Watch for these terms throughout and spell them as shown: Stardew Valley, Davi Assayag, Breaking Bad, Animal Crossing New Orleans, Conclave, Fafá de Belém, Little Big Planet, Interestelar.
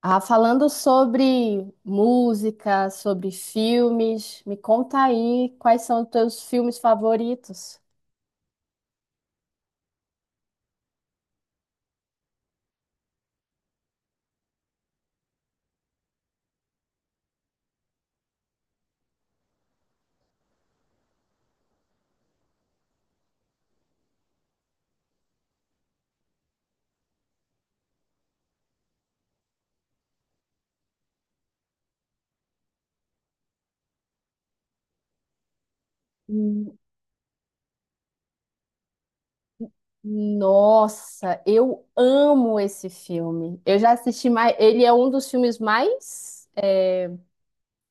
Ah, falando sobre música, sobre filmes, me conta aí quais são os teus filmes favoritos. Hum. Nossa, eu amo esse filme. Eu já assisti mais. Ele é um dos filmes mais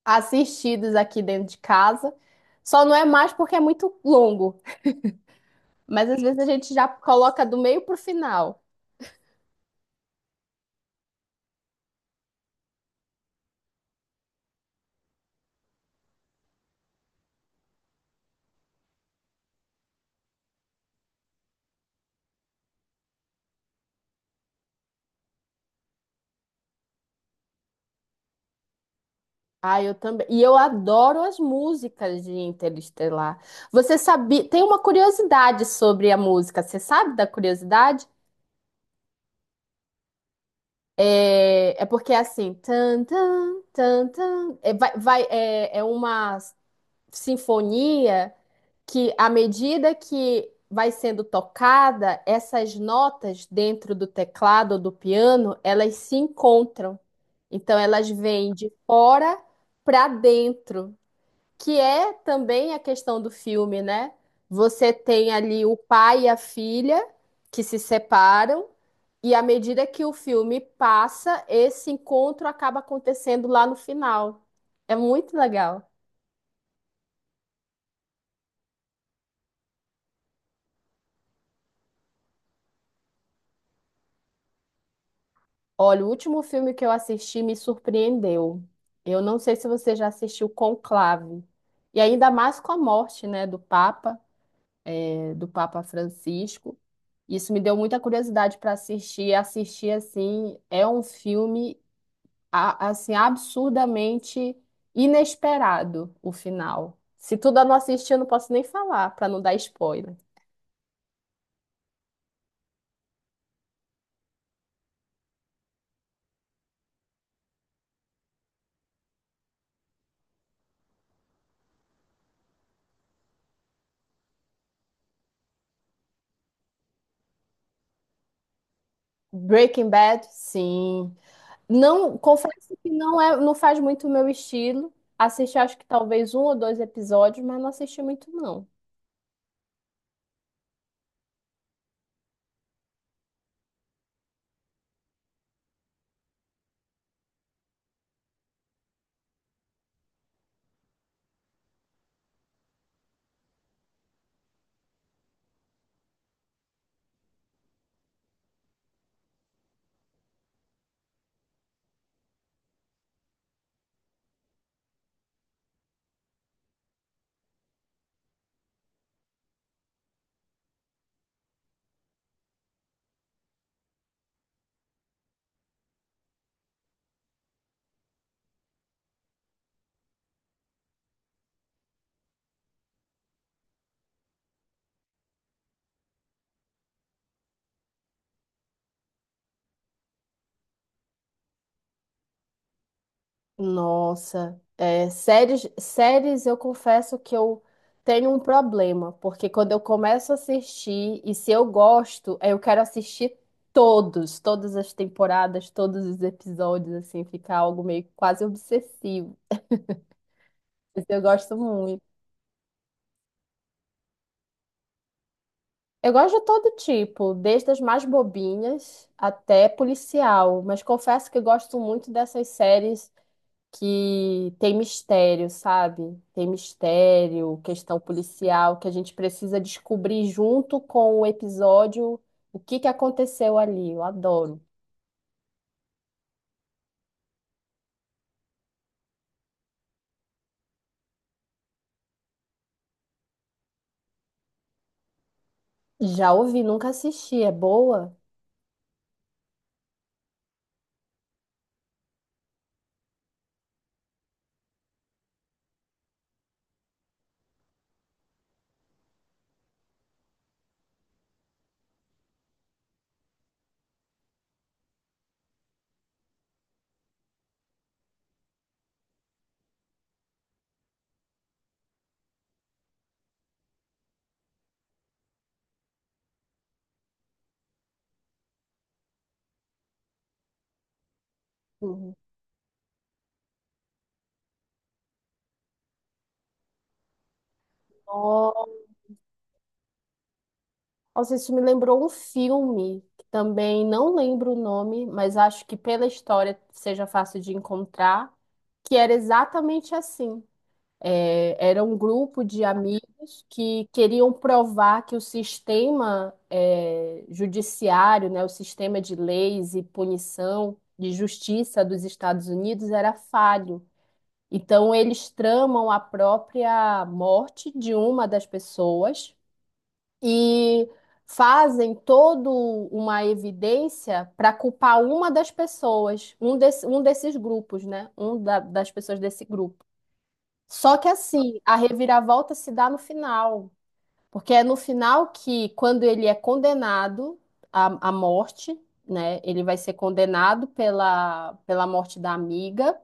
assistidos aqui dentro de casa. Só não é mais porque é muito longo. Mas às vezes a gente já coloca do meio pro final. Ah, eu também. E eu adoro as músicas de Interestelar. Você sabia? Tem uma curiosidade sobre a música. Você sabe da curiosidade? É porque é assim. Tan, tan, tan, tan. É uma sinfonia que, à medida que vai sendo tocada, essas notas dentro do teclado ou do piano, elas se encontram. Então, elas vêm de fora para dentro, que é também a questão do filme, né? Você tem ali o pai e a filha que se separam, e à medida que o filme passa, esse encontro acaba acontecendo lá no final. É muito legal. Olha, o último filme que eu assisti me surpreendeu. Eu não sei se você já assistiu Conclave. E ainda mais com a morte, né, do Papa, do Papa Francisco. Isso me deu muita curiosidade para assistir. Assistir assim é um filme assim, absurdamente inesperado o final. Se tu ainda não assistiu, eu não posso nem falar, pra não dar spoiler. Breaking Bad, sim. Não, confesso que não faz muito o meu estilo. Assisti, acho que talvez um ou dois episódios, mas não assisti muito, não. Nossa, séries eu confesso que eu tenho um problema, porque quando eu começo a assistir, e se eu gosto, eu quero assistir todas as temporadas, todos os episódios, assim, ficar algo meio quase obsessivo. Mas eu gosto muito. Eu gosto de todo tipo, desde as mais bobinhas até policial, mas confesso que eu gosto muito dessas séries que tem mistério, sabe? Tem mistério, questão policial, que a gente precisa descobrir junto com o episódio o que que aconteceu ali. Eu adoro. Já ouvi, nunca assisti. É boa? Uhum. Nossa, isso me lembrou um filme que também não lembro o nome, mas acho que pela história seja fácil de encontrar, que era exatamente assim. É, era um grupo de amigos que queriam provar que o sistema judiciário, né, o sistema de leis e punição de justiça dos Estados Unidos era falho. Então, eles tramam a própria morte de uma das pessoas e fazem toda uma evidência para culpar uma das pessoas, um desses grupos, né? Um das pessoas desse grupo. Só que assim, a reviravolta se dá no final, porque é no final que, quando ele é condenado à morte, né? Ele vai ser condenado pela morte da amiga,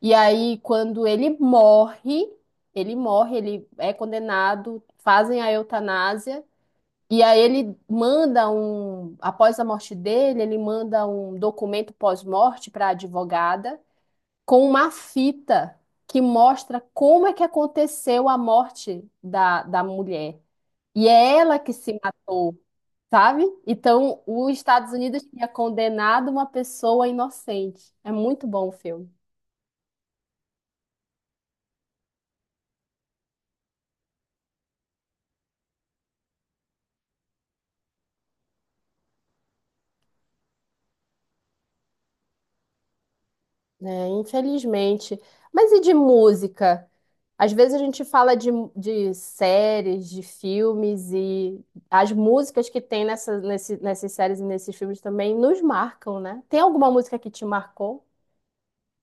e aí, quando ele morre, ele é condenado, fazem a eutanásia, e aí após a morte dele, ele manda um documento pós-morte para a advogada com uma fita que mostra como é que aconteceu a morte da mulher. E é ela que se matou, sabe? Então, os Estados Unidos tinha condenado uma pessoa inocente. É muito bom o filme, né? Infelizmente. Mas e de música? Às vezes a gente fala de séries, de filmes, e as músicas que tem nessas séries e nesses filmes também nos marcam, né? Tem alguma música que te marcou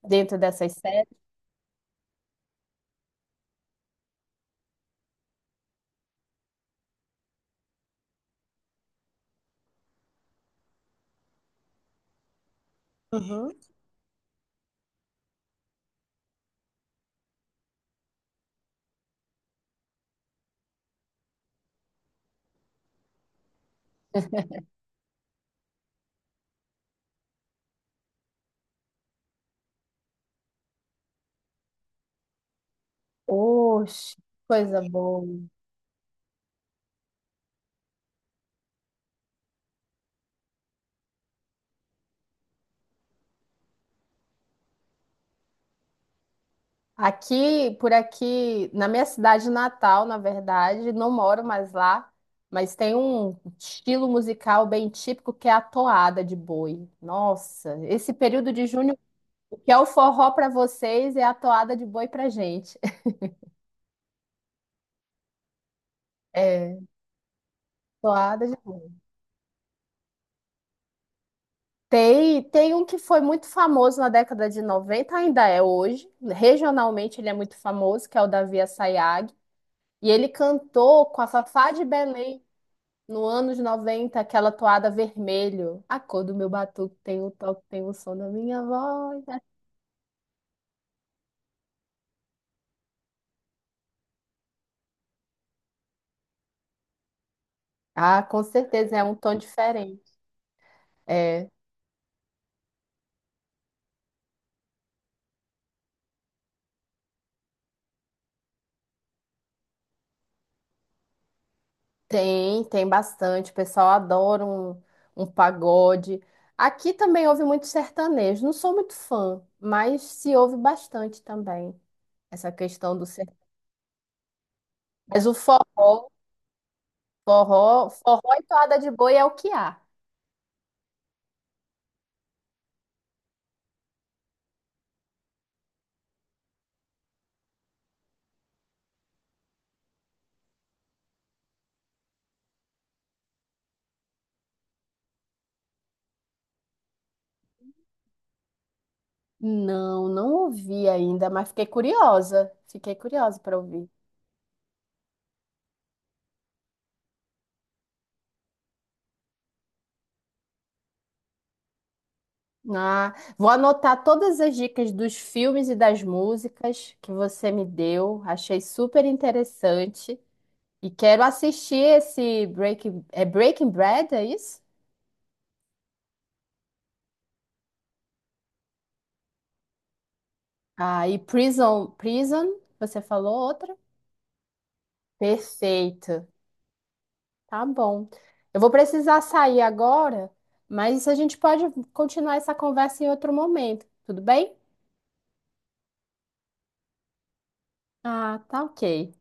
dentro dessas séries? Uhum. Oxe, coisa boa. Por aqui, na minha cidade natal, na verdade, não moro mais lá, mas tem um estilo musical bem típico que é a toada de boi. Nossa, esse período de junho, o que é o forró para vocês, é a toada de boi pra gente. É, Toada de boi. Tem um que foi muito famoso na década de 90, ainda é hoje, regionalmente ele é muito famoso, que é o Davi Assayag. E ele cantou com a Fafá de Belém no anos 90 aquela toada vermelho. A cor do meu batuque tem o toque, tem o som da minha voz. Ah, com certeza é um tom diferente. É, tem bastante. O pessoal adora um pagode. Aqui também houve muito sertanejo. Não sou muito fã, mas se ouve bastante também essa questão do sertanejo. Mas o forró e toada de boi é o que há. Não, não ouvi ainda, mas fiquei curiosa. Fiquei curiosa para ouvir. Ah, vou anotar todas as dicas dos filmes e das músicas que você me deu. Achei super interessante. E quero assistir esse Breaking Bad, é isso? Ah, e Prison, você falou outra? Perfeito. Tá bom. Eu vou precisar sair agora, mas a gente pode continuar essa conversa em outro momento, tudo bem? Ah, tá ok.